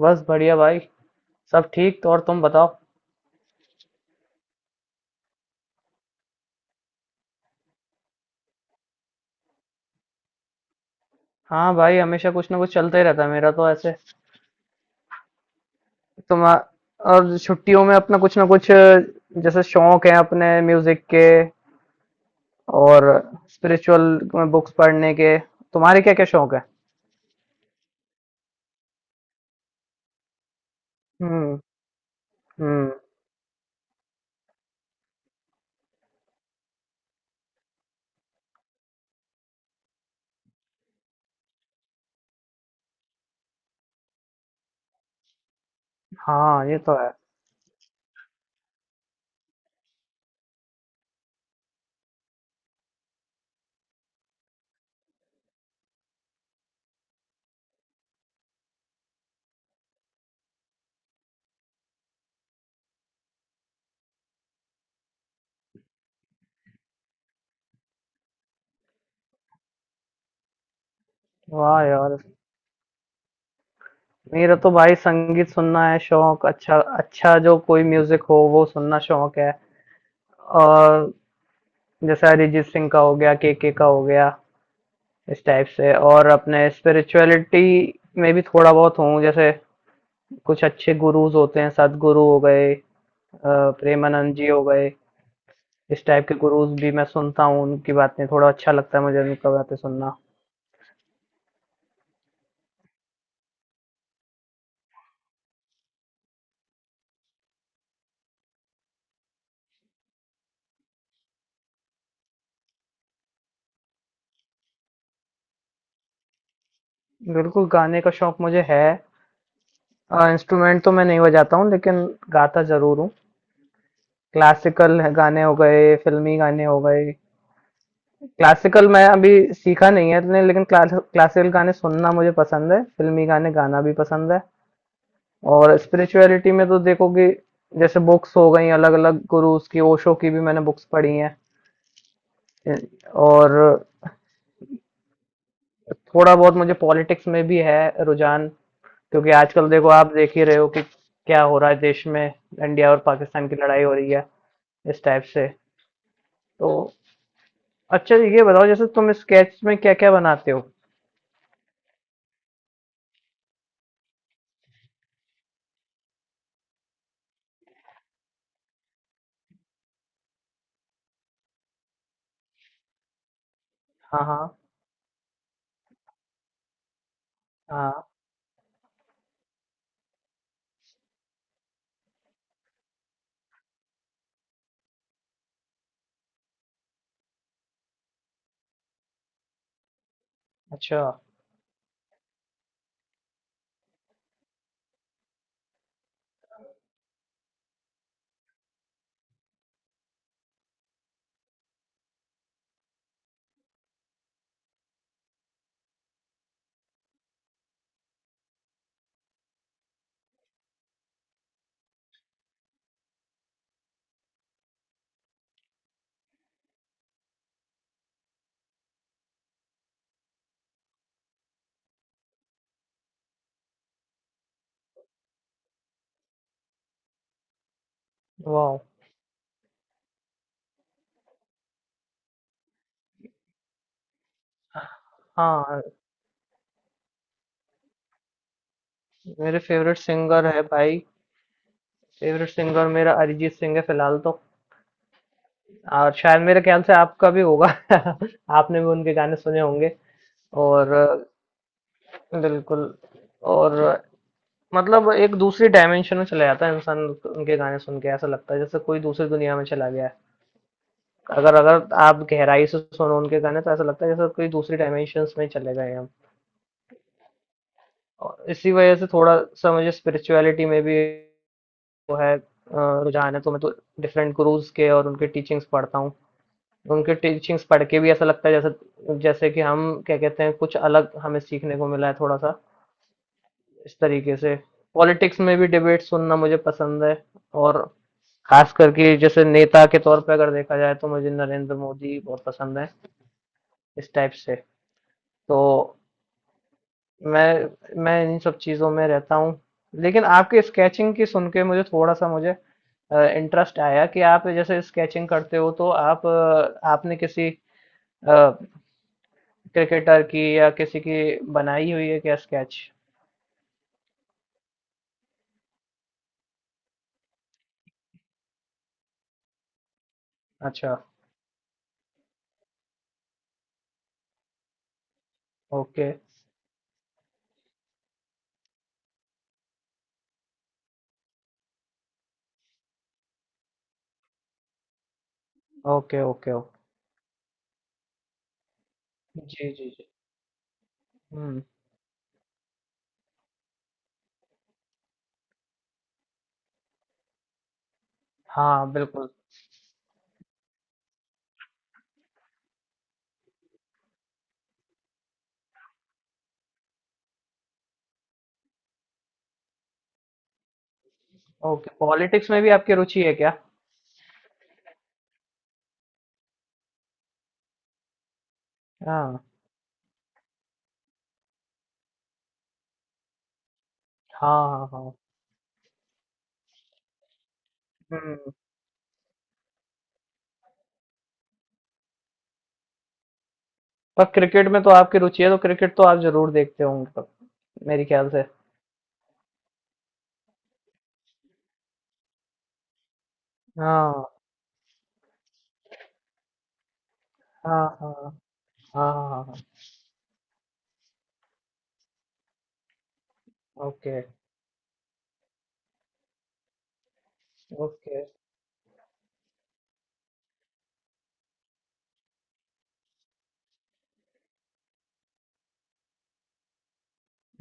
बस बढ़िया भाई। सब ठीक तो। और तुम बताओ। हाँ भाई, हमेशा कुछ ना कुछ चलता ही रहता है मेरा तो ऐसे। तुम और? छुट्टियों में अपना कुछ ना कुछ जैसे शौक है अपने म्यूजिक के और स्पिरिचुअल बुक्स पढ़ने के। तुम्हारे क्या क्या शौक है? हम्म। हम्म। हाँ, ये तो है। वाह यार! मेरा तो भाई संगीत सुनना है शौक। अच्छा अच्छा, जो कोई म्यूजिक हो वो सुनना शौक है। और जैसे अरिजीत सिंह का हो गया, के का हो गया, इस टाइप से। और अपने स्पिरिचुअलिटी में भी थोड़ा बहुत हूँ। जैसे कुछ अच्छे गुरुज़ होते हैं, सद्गुरु हो गए, प्रेमानंद जी हो गए। इस टाइप के गुरुज़ भी मैं सुनता हूँ उनकी बातें। थोड़ा अच्छा लगता है मुझे उनका बातें सुनना। बिल्कुल, गाने का शौक मुझे है। इंस्ट्रूमेंट तो मैं नहीं बजाता हूँ लेकिन गाता ज़रूर हूँ। क्लासिकल गाने हो गए, फ़िल्मी गाने हो गए। क्लासिकल मैं अभी सीखा नहीं है लेकिन क्लासिकल गाने सुनना मुझे पसंद है। फ़िल्मी गाने गाना भी पसंद है। और स्पिरिचुअलिटी में तो देखोगे जैसे बुक्स हो गई अलग-अलग गुरुज की, ओशो की भी मैंने बुक्स पढ़ी हैं। अ, और थोड़ा बहुत मुझे पॉलिटिक्स में भी है रुझान। क्योंकि आजकल देखो, आप देख ही रहे हो कि क्या हो रहा है देश में, इंडिया और पाकिस्तान की लड़ाई हो रही है, इस टाइप से। तो अच्छा, ये बताओ जैसे तुम स्केच में क्या-क्या बनाते हो? हाँ, हाँ। हाँ। अच्छा। वाओ! हाँ। मेरे फेवरेट सिंगर है भाई, फेवरेट सिंगर मेरा अरिजीत सिंह है फिलहाल तो। और शायद मेरे ख्याल से आपका भी होगा आपने भी उनके गाने सुने होंगे। और। बिल्कुल। और मतलब एक दूसरी डायमेंशन में चला जाता है इंसान, उनके गाने सुन के ऐसा लगता है जैसे कोई दूसरी दुनिया में चला गया है। अगर अगर आप गहराई से सुनो उनके गाने तो ऐसा लगता है जैसे कोई दूसरी डायमेंशन में चले गए हम। और इसी वजह से थोड़ा सा मुझे स्पिरिचुअलिटी में भी वो है, रुझान है। तो मैं तो डिफरेंट गुरुज के और उनके टीचिंग्स पढ़ता हूँ। उनके टीचिंग्स पढ़ के भी ऐसा लगता है जैसे जैसे कि हम क्या कहते हैं, कुछ अलग हमें सीखने को मिला है थोड़ा सा, इस तरीके से। पॉलिटिक्स में भी डिबेट सुनना मुझे पसंद है। और खास करके जैसे नेता के तौर पे अगर देखा जाए तो मुझे नरेंद्र मोदी बहुत पसंद है, इस टाइप से। तो मैं मैं इन सब चीज़ों में रहता हूँ। लेकिन आपके स्केचिंग की सुन के मुझे थोड़ा सा, मुझे इंटरेस्ट आया कि आप जैसे स्केचिंग करते हो तो आप आपने किसी अ, क्रिकेटर की या किसी की बनाई हुई है क्या स्केच? अच्छा। ओके। Okay, okay, okay. जी, जी, जी। हुँ। हाँ, बिल्कुल। ओके, पॉलिटिक्स में भी आपकी रुचि है क्या? हाँ। हाँ, हाँ, हाँ। हुँ। पर क्रिकेट में तो आपकी रुचि है, तो क्रिकेट तो आप ज़रूर देखते होंगे तब, मेरे ख्याल से। हाँ। हाँ, हाँ। हाँ, हाँ, हाँ, हाँ। Okay, okay.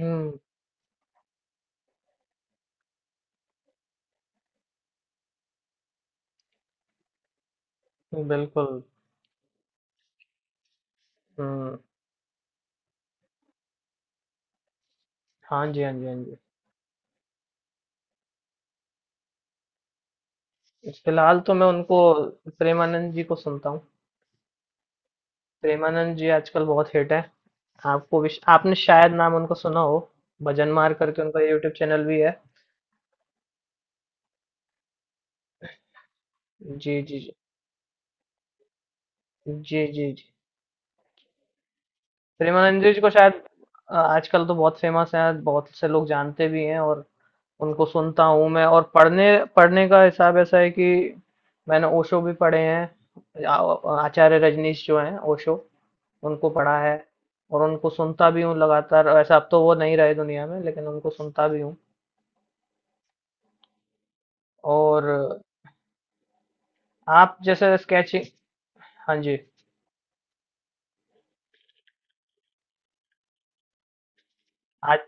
हुँ, बिल्कुल। हुँ। हाँ जी, हाँ जी, हाँ जी। फिलहाल तो मैं उनको प्रेमानंद जी को सुनता हूँ। प्रेमानंद जी आजकल बहुत हिट है। आपको विश, आपने शायद नाम उनका सुना हो। भजन मार करके उनका यूट्यूब चैनल भी है। जी, जी, जी। जी, जी, जी। प्रेमानंद जी को शायद आजकल तो बहुत फेमस है, बहुत से लोग जानते भी हैं। और उनको सुनता हूँ मैं। और पढ़ने पढ़ने का हिसाब ऐसा है कि मैंने ओशो भी पढ़े हैं, आचार्य रजनीश जो हैं ओशो, उनको पढ़ा है। और उनको सुनता भी हूँ लगातार। वैसे अब तो वो नहीं रहे दुनिया में, लेकिन उनको सुनता भी हूँ। और आप जैसे स्केचिंग। हाँ जी। आज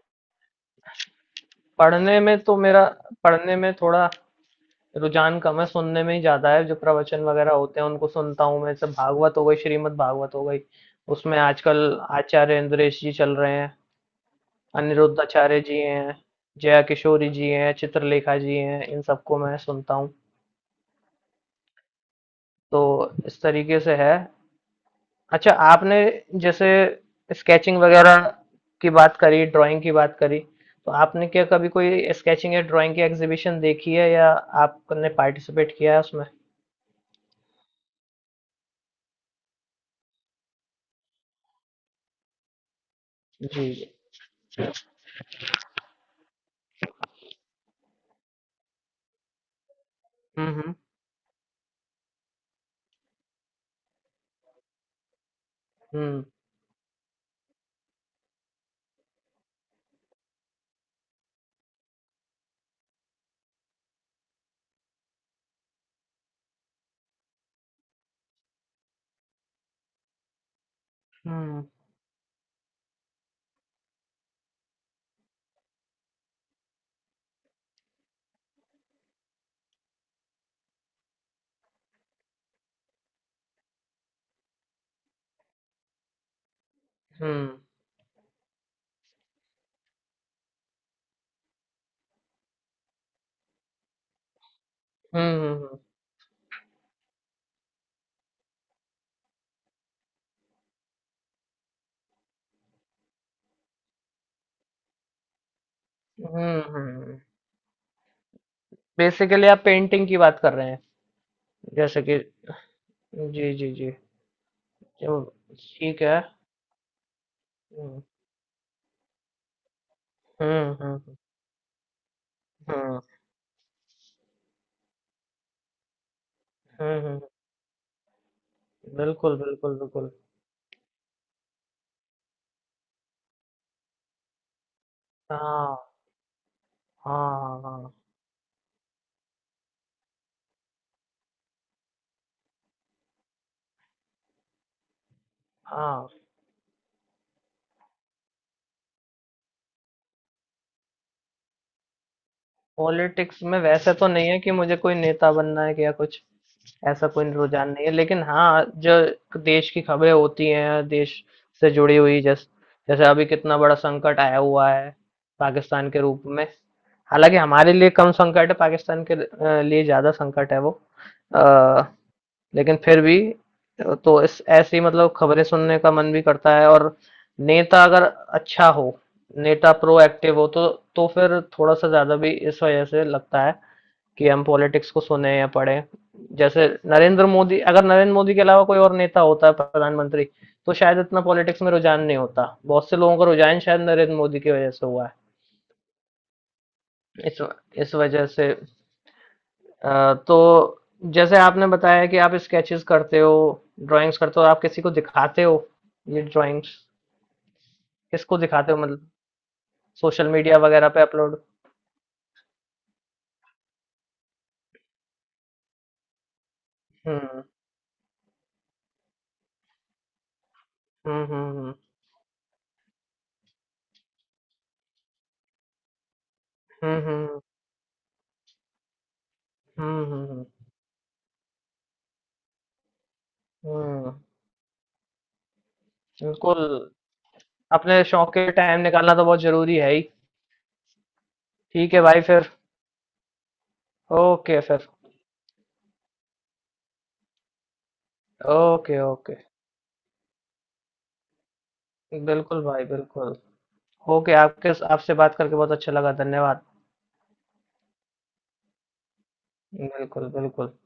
पढ़ने में तो मेरा पढ़ने में थोड़ा रुझान कम है, सुनने में ही ज़्यादा है, जो प्रवचन वगैरह होते हैं उनको सुनता हूँ मैं, जैसे भागवत हो गई, श्रीमद् भागवत हो गई, उसमें आजकल आचार्य इन्द्रेश जी चल रहे हैं, अनिरुद्ध आचार्य जी हैं, जया किशोरी जी हैं, चित्रलेखा जी हैं, इन सबको मैं सुनता हूँ। तो इस तरीके से है। अच्छा, आपने जैसे स्केचिंग वगैरह की बात करी, ड्राइंग की बात करी, तो आपने क्या कभी कोई स्केचिंग या ड्राइंग की एग्जीबिशन देखी है या आपने पार्टिसिपेट किया है उसमें? जी, जी। हम्म। हम्म। हम्म। हम्म। हम्म। हम्म। हम्म। हम्म। बेसिकली आप पेंटिंग की बात कर रहे हैं जैसे कि। जी, जी, जी। चलो, ठीक है। हम्म। हम्म। हम्म। हम्म। हम्म। बिल्कुल, बिल्कुल, बिल्कुल। हाँ, हाँ, हाँ, हाँ, हाँ। पॉलिटिक्स में वैसे तो नहीं है कि मुझे कोई नेता बनना है या कुछ ऐसा, कोई रुझान नहीं है लेकिन हाँ, जो देश की खबरें होती हैं देश से जुड़ी हुई, जैसे जैसे अभी कितना बड़ा संकट आया हुआ है पाकिस्तान के रूप में। हालांकि हमारे लिए कम संकट है, पाकिस्तान के लिए ज्यादा संकट है वो। अ, लेकिन फिर भी तो इस ऐसी मतलब खबरें सुनने का मन भी करता है। और नेता अगर अच्छा हो, नेता प्रोएक्टिव हो तो फिर थोड़ा सा ज्यादा भी इस वजह से लगता है कि हम पॉलिटिक्स को सुने या पढ़े। जैसे नरेंद्र मोदी, अगर नरेंद्र मोदी के अलावा कोई और नेता होता है प्रधानमंत्री तो शायद इतना पॉलिटिक्स में रुझान नहीं होता, बहुत से लोगों का रुझान शायद नरेंद्र मोदी की वजह से हुआ है। इस इस वजह से। तो जैसे आपने बताया कि आप स्केचेस करते हो, ड्राइंग्स करते हो, आप किसी को दिखाते हो ये ड्राइंग्स? किसको दिखाते हो मतलब, सोशल मीडिया वगैरह पे अपलोड? हम्म। हम्म। हम्म। हम्म। हम्म। हम्म। हम्म, बिल्कुल। अपने शौक के टाइम निकालना तो बहुत जरूरी है ही। ठीक है भाई, फिर। ओके फिर। Okay, okay. बिल्कुल भाई, बिल्कुल। ओके, आपके आपसे बात करके बहुत अच्छा लगा, धन्यवाद। बिल्कुल, बिल्कुल।